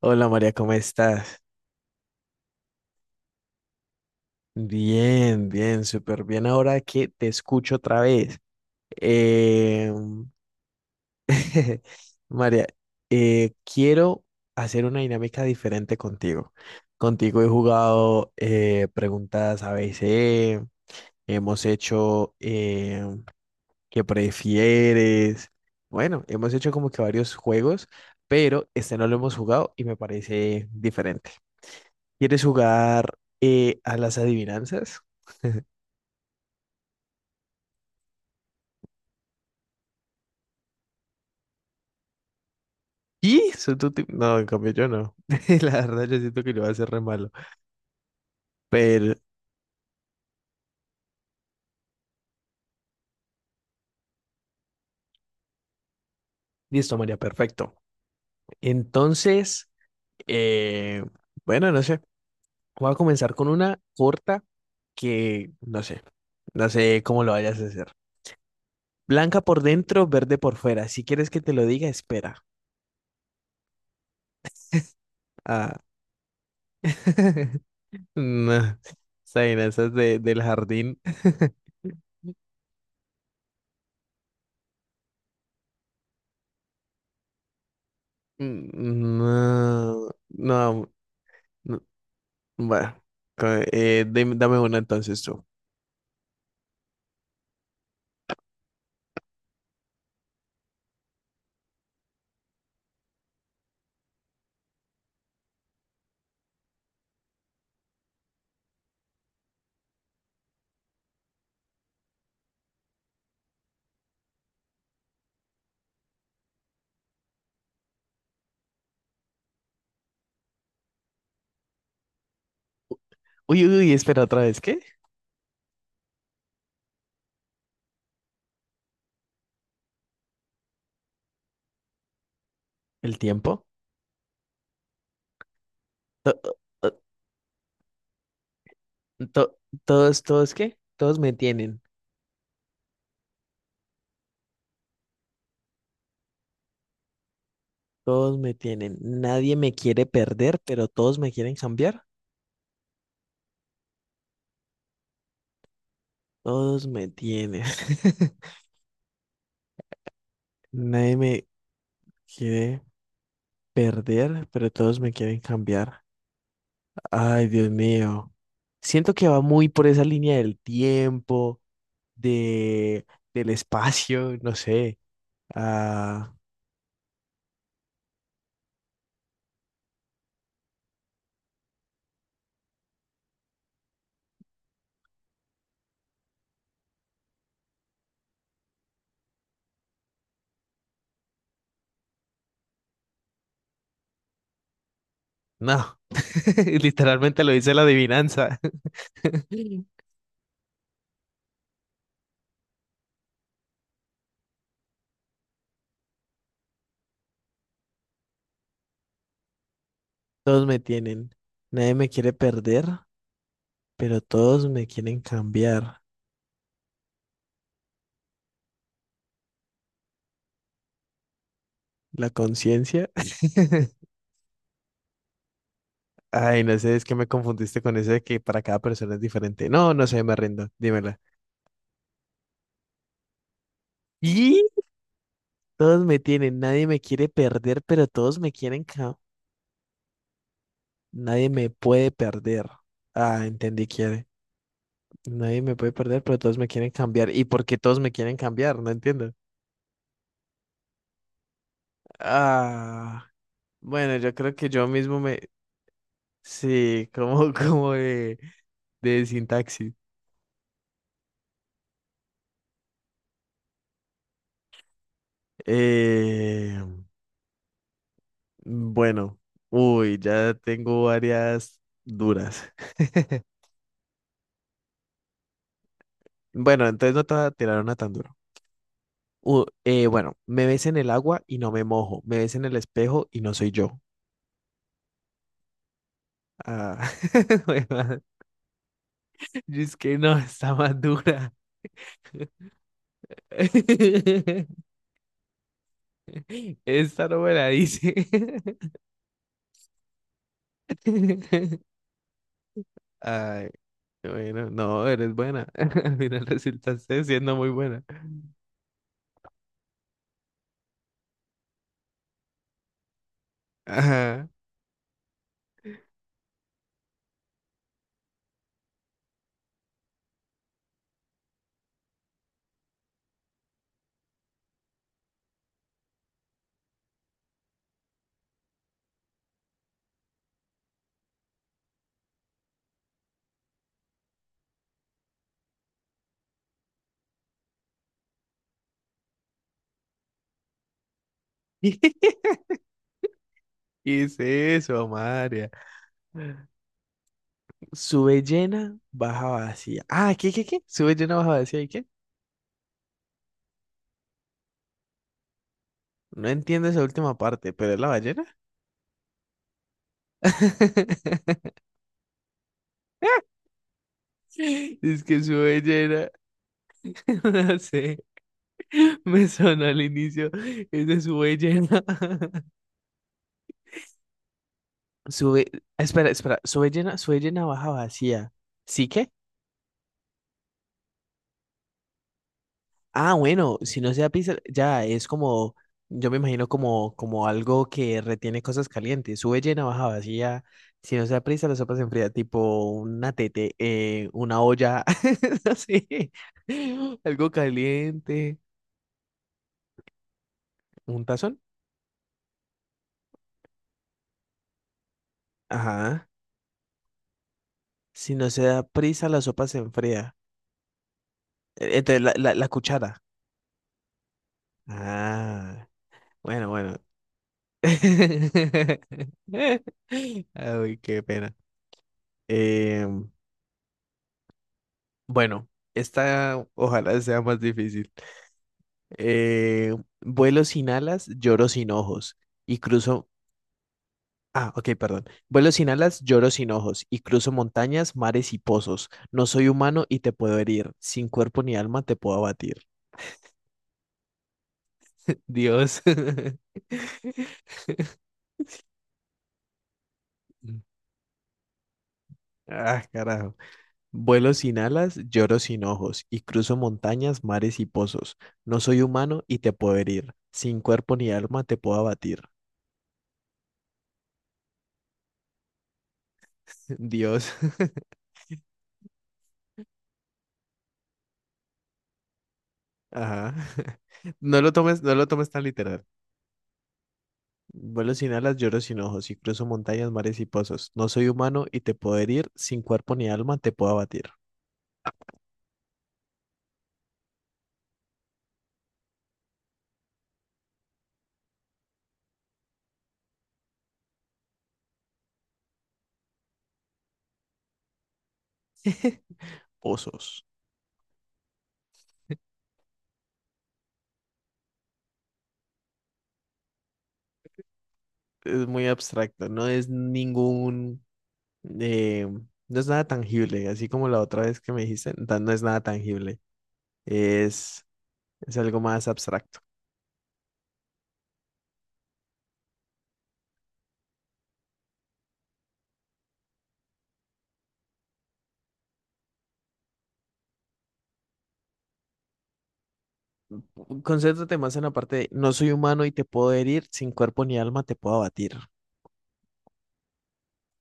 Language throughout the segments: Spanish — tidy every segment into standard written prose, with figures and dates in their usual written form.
Hola María, ¿cómo estás? Bien, bien, súper bien. Ahora que te escucho otra vez. Eh, María, quiero hacer una dinámica diferente contigo. Contigo he jugado preguntas ABC, hemos hecho ¿qué prefieres? Bueno, hemos hecho como que varios juegos, pero este no lo hemos jugado y me parece diferente. ¿Quieres jugar a las adivinanzas? ¿Y? Soy tu tipo- No, en cambio yo no. La verdad, yo siento que lo va a hacer re malo. Pero, listo, María, perfecto. Entonces, eh, bueno, no sé. Voy a comenzar con una corta que no sé. No sé cómo lo vayas a hacer. Blanca por dentro, verde por fuera. Si quieres que te lo diga, espera. Ah. No. Esa vaina, esa es del jardín. No, no, no. Bueno, dame una entonces tú. Uy, uy, uy, espera otra vez, ¿qué? ¿El tiempo? To- to- to- todos, todos, ¿qué? Todos me tienen. Nadie me quiere perder, pero todos me quieren cambiar. Todos me tienen. Nadie me quiere perder, pero todos me quieren cambiar. Ay, Dios mío. Siento que va muy por esa línea del tiempo, de, del espacio, no sé. Ah, no, literalmente lo dice la adivinanza. Todos me tienen. Nadie me quiere perder, pero todos me quieren cambiar. La conciencia. Ay, no sé, es que me confundiste con eso de que para cada persona es diferente. No, no sé, me rindo. Dímela. ¿Y? Todos me tienen, nadie me quiere perder, pero todos me quieren cambiar. Nadie me puede perder. Ah, entendí, quiere. Nadie me puede perder, pero todos me quieren cambiar. ¿Y por qué todos me quieren cambiar? No entiendo. Ah, bueno, yo creo que yo mismo me... Sí, como, de sintaxis. Eh, bueno, uy, ya tengo varias duras. Bueno, entonces no te voy a tirar una tan duro. Bueno, me ves en el agua y no me mojo. Me ves en el espejo y no soy yo. Ah, Y es que no, está más dura. Esta no me la dice. Ay, bueno, no, eres buena. Al final resultaste siendo muy buena. Ajá. ¿Qué es eso, María? Sube llena, baja vacía. Ah, ¿qué, qué, qué? Sube llena, baja vacía, ¿y qué? No entiendo esa última parte, pero es la ballena. Es que sube llena. No sé. Me sonó al inicio. Es de sube llena. Sube. Espera, espera. Sube llena, baja vacía. ¿Sí que? Ah, bueno, si no sea pizza, ya es como. Yo me imagino como, como algo que retiene cosas calientes. Sube llena, baja vacía. Si no sea prisa, la sopa se enfría, tipo una tete, una olla, así, algo caliente, un tazón. Ajá. Si no se da prisa, la sopa se enfría. Entonces, la cuchara. Ah, bueno, bueno. Ay, qué pena. Eh, bueno, esta ojalá sea más difícil. Eh, vuelo sin alas, lloro sin ojos y cruzo... Ah, ok, perdón. Vuelo sin alas, lloro sin ojos y cruzo montañas, mares y pozos. No soy humano y te puedo herir. Sin cuerpo ni alma te puedo abatir. Dios. Ah, carajo. Vuelo sin alas, lloro sin ojos, y cruzo montañas, mares y pozos. No soy humano y te puedo herir. Sin cuerpo ni alma te puedo abatir. Dios. Ajá. No lo tomes tan literal. Vuelo sin alas, lloro sin ojos, y cruzo montañas, mares y pozos. No soy humano y te puedo herir. Sin cuerpo ni alma te puedo abatir. Pozos. Es muy abstracto, no es ningún... eh, no es nada tangible, así como la otra vez que me dijiste, no no es nada tangible. Es... Es algo más abstracto. Concéntrate más en la parte de no soy humano y te puedo herir, sin cuerpo ni alma te puedo abatir.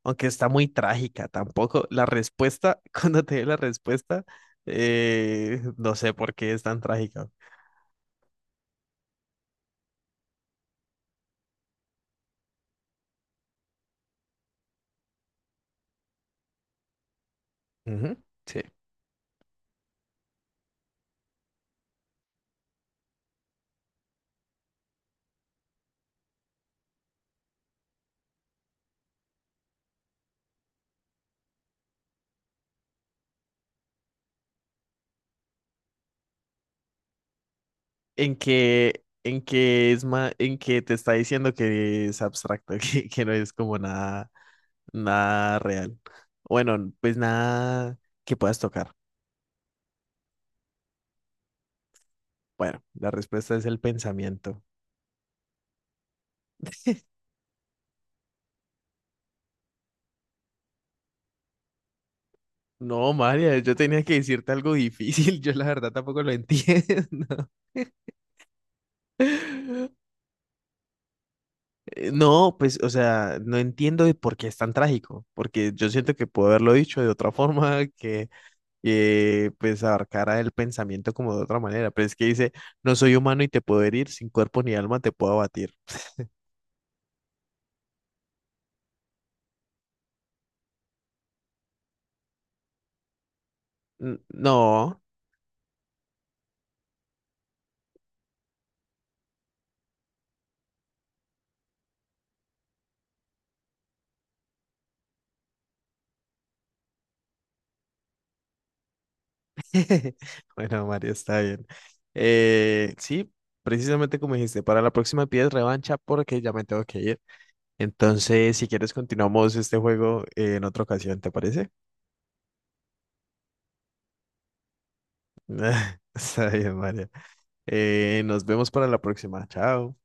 Aunque está muy trágica, tampoco. La respuesta, cuando te dé la respuesta, no sé por qué es tan trágica. Ujú, Sí. En que te está diciendo que es abstracto, que no es como nada, nada real. Bueno, pues nada que puedas tocar. Bueno, la respuesta es el pensamiento. No, María, yo tenía que decirte algo difícil. Yo la verdad tampoco lo entiendo. No, pues, o sea, no entiendo de por qué es tan trágico, porque yo siento que puedo haberlo dicho de otra forma, que pues abarcara el pensamiento como de otra manera, pero es que dice, no soy humano y te puedo herir, sin cuerpo ni alma te puedo abatir. N- No. Bueno, Mario, está bien. Sí, precisamente como dijiste, para la próxima pides revancha porque ya me tengo que ir. Entonces, si quieres, continuamos este juego en otra ocasión, ¿te parece? Está bien, Mario. Nos vemos para la próxima. Chao.